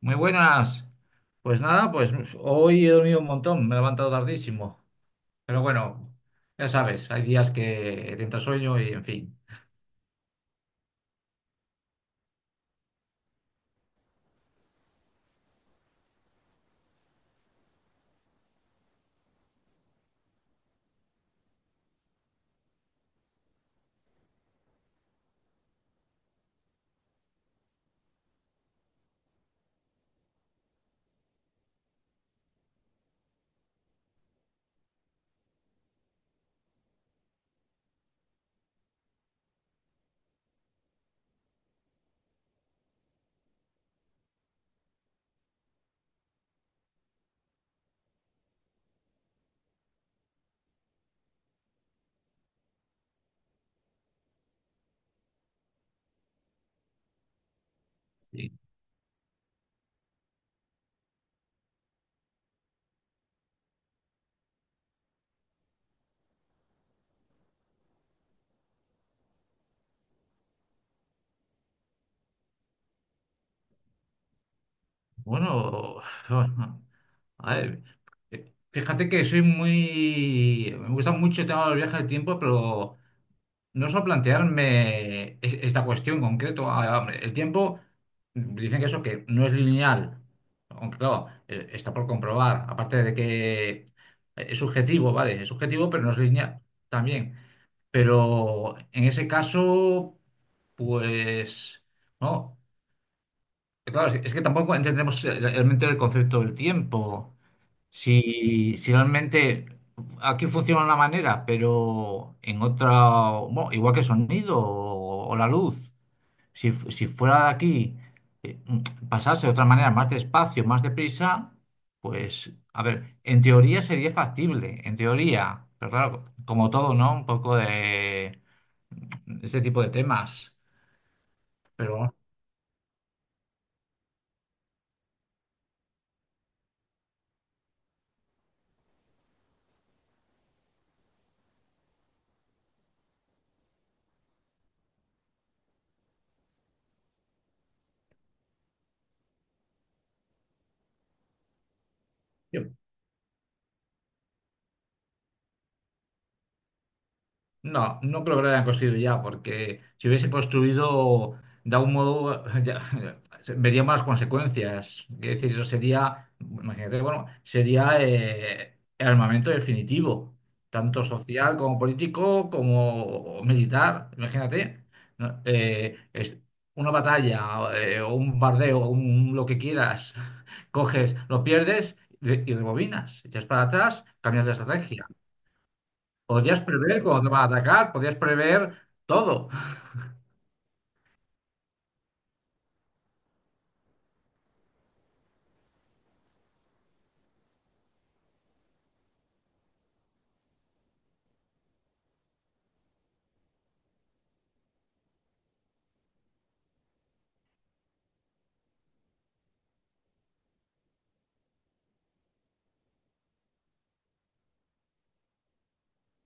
Muy buenas. Pues nada, pues hoy he dormido un montón, me he levantado tardísimo. Pero bueno, ya sabes, hay días que te entra sueño y en fin. Y bueno, a ver, fíjate que soy muy. Me gusta mucho el tema del viaje del tiempo, pero no solo plantearme esta cuestión en concreto. Ah, hombre, el tiempo, dicen que eso que no es lineal, aunque claro, está por comprobar, aparte de que es subjetivo, ¿vale? Es subjetivo, pero no es lineal también. Pero en ese caso, pues, no, claro, es que tampoco entendemos realmente el concepto del tiempo. Si realmente aquí funciona de una manera, pero en otra, bueno, igual que el sonido o la luz, si, si fuera de aquí, pasase de otra manera, más despacio, más deprisa, pues, a ver, en teoría sería factible, en teoría, pero claro, como todo, ¿no? Un poco de ese tipo de temas, pero bueno. No, no creo que lo hayan construido ya, porque si hubiese construido de algún modo, ya, veríamos las consecuencias. Quiero decir, eso sería, imagínate, bueno, sería el armamento definitivo, tanto social como político como militar. Imagínate, ¿no? Es una batalla, o un bardeo, un, lo que quieras, coges, lo pierdes y rebobinas, echas para atrás, cambias de estrategia. Podrías prever cuando te va a atacar, podrías prever todo.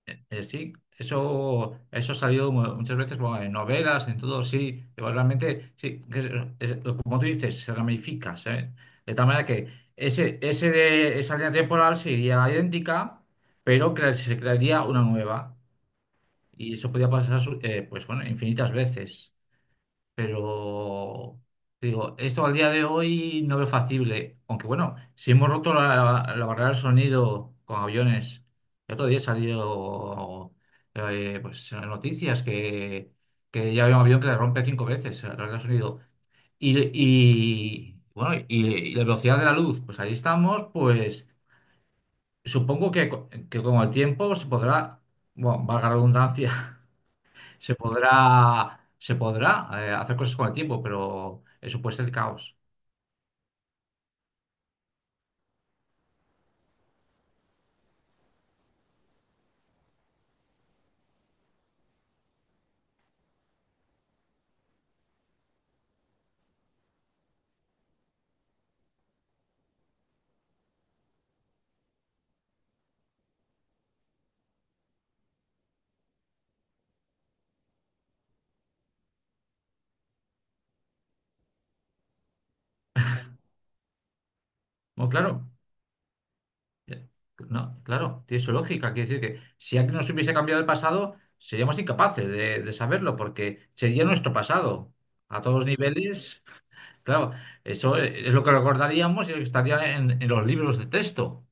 Sí, eso ha salido muchas veces bueno, en novelas, en todo, sí. Igualmente, sí, que es- es- como tú dices, se ramifica, ¿sabes? De tal manera que esa línea temporal sería idéntica, pero se crearía una nueva. Y eso podía pasar, pues bueno, infinitas veces. Pero digo, esto al día de hoy no veo factible. Aunque bueno, si hemos roto la barrera del sonido con aviones, el otro día salió pues, en las noticias que ya había un avión que le rompe cinco veces la barrera del sonido. Bueno, y la velocidad de la luz, pues ahí estamos, pues supongo que con el tiempo se podrá, bueno, valga la redundancia, se podrá hacer cosas con el tiempo, pero eso puede ser caos. Bueno, claro, eh, no, claro, tiene su lógica. Quiere decir que si antes nos hubiese cambiado el pasado, seríamos incapaces de saberlo, porque sería nuestro pasado. A todos los niveles, claro, eso es lo que recordaríamos y lo que estaría en los libros de texto.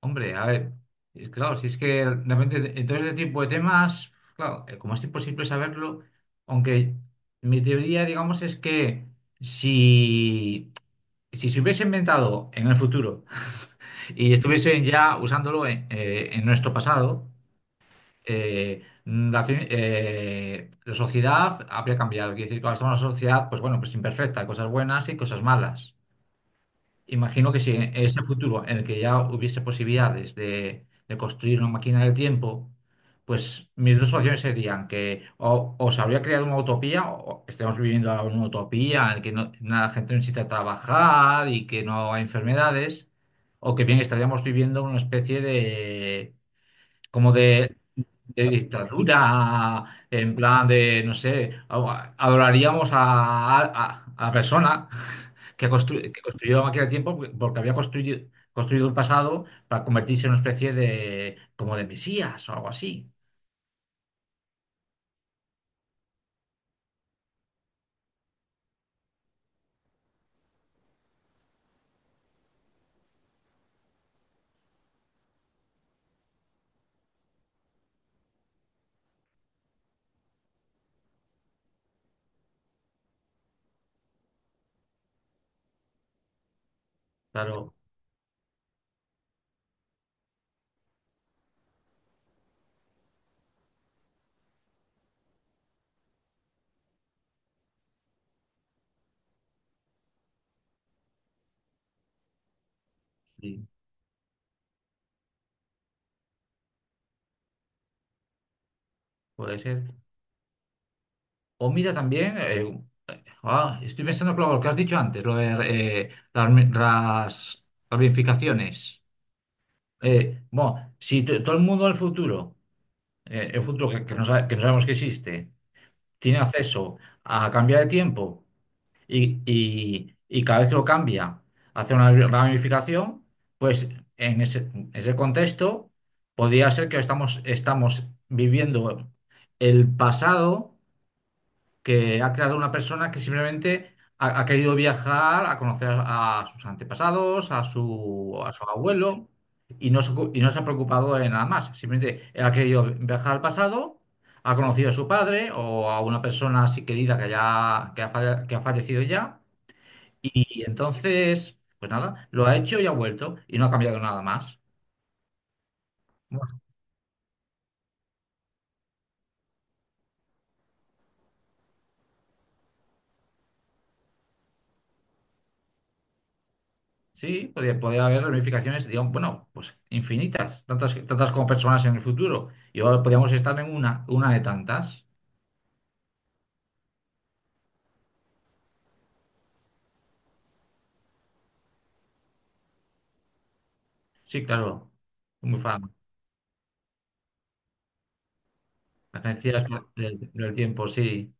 Hombre, a ver, es claro, si es que realmente en todo este tipo de temas, claro, como es imposible saberlo, aunque mi teoría, digamos, es que si, si se hubiese inventado en el futuro y estuviesen ya usándolo en nuestro pasado, la sociedad habría cambiado. Quiere decir, que ahora somos una sociedad, pues bueno, pues imperfecta, cosas buenas y cosas malas. Imagino que si en ese futuro en el que ya hubiese posibilidades de construir una máquina del tiempo, pues mis dos opciones serían que o se habría creado una utopía, o estemos viviendo ahora una utopía en la que la gente no necesita trabajar y que no hay enfermedades, o que bien estaríamos viviendo una especie de, como de dictadura, en plan de, no sé, adoraríamos a persona que construyó la máquina del tiempo porque había construido el pasado para convertirse en una especie de, como de mesías o algo así. Claro, sí, puede ser. O mira también, estoy pensando claro, lo que has dicho antes, lo de las ramificaciones. Bueno, si todo el mundo del futuro, el futuro que no sabemos que existe, tiene acceso a cambiar de tiempo y cada vez que lo cambia hace una ramificación, pues en ese contexto podría ser que estamos viviendo el pasado que ha creado una persona que simplemente ha querido viajar a conocer a sus antepasados, a su abuelo, y no se ha preocupado de nada más. Simplemente él ha querido viajar al pasado, ha conocido a su padre o a una persona así querida que, ya, que, ha, falle- que ha fallecido ya, y entonces, pues nada, lo ha hecho y ha vuelto, y no ha cambiado nada más. Sí, podría haber ramificaciones, digamos, bueno, pues infinitas, tantas, tantas como personas en el futuro. Y ahora podríamos estar en una de tantas. Sí, claro, muy fan. La ciencia del tiempo, sí.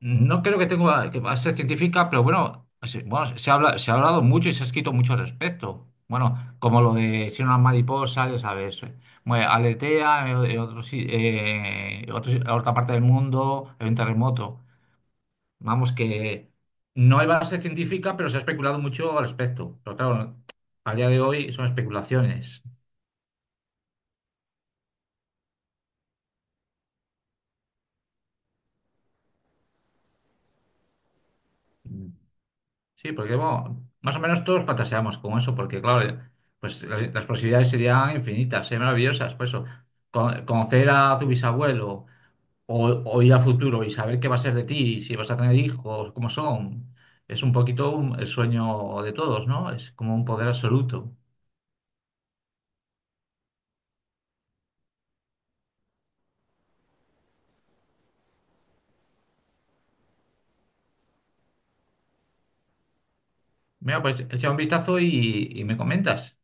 No creo que tenga que va a ser científica, pero bueno, bueno, se habla, se ha hablado mucho y se ha escrito mucho al respecto. Bueno, como lo de si una mariposa, ya sabes, aletea en otro si- en otra parte del mundo, en un terremoto. Vamos, que no hay base científica, pero se ha especulado mucho al respecto. Pero claro, a día de hoy son especulaciones. Sí, porque bueno, más o menos todos fantaseamos con eso, porque claro, pues las posibilidades serían infinitas, serían maravillosas. Por eso, conocer a tu bisabuelo o, o ir al futuro y saber qué va a ser de ti, si vas a tener hijos, cómo son, es un poquito el sueño de todos, ¿no? Es como un poder absoluto. Mira, pues echa un vistazo y me comentas.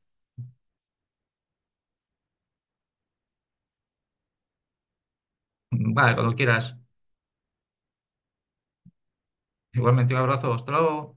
Vale, cuando quieras. Igualmente un abrazo, hasta luego.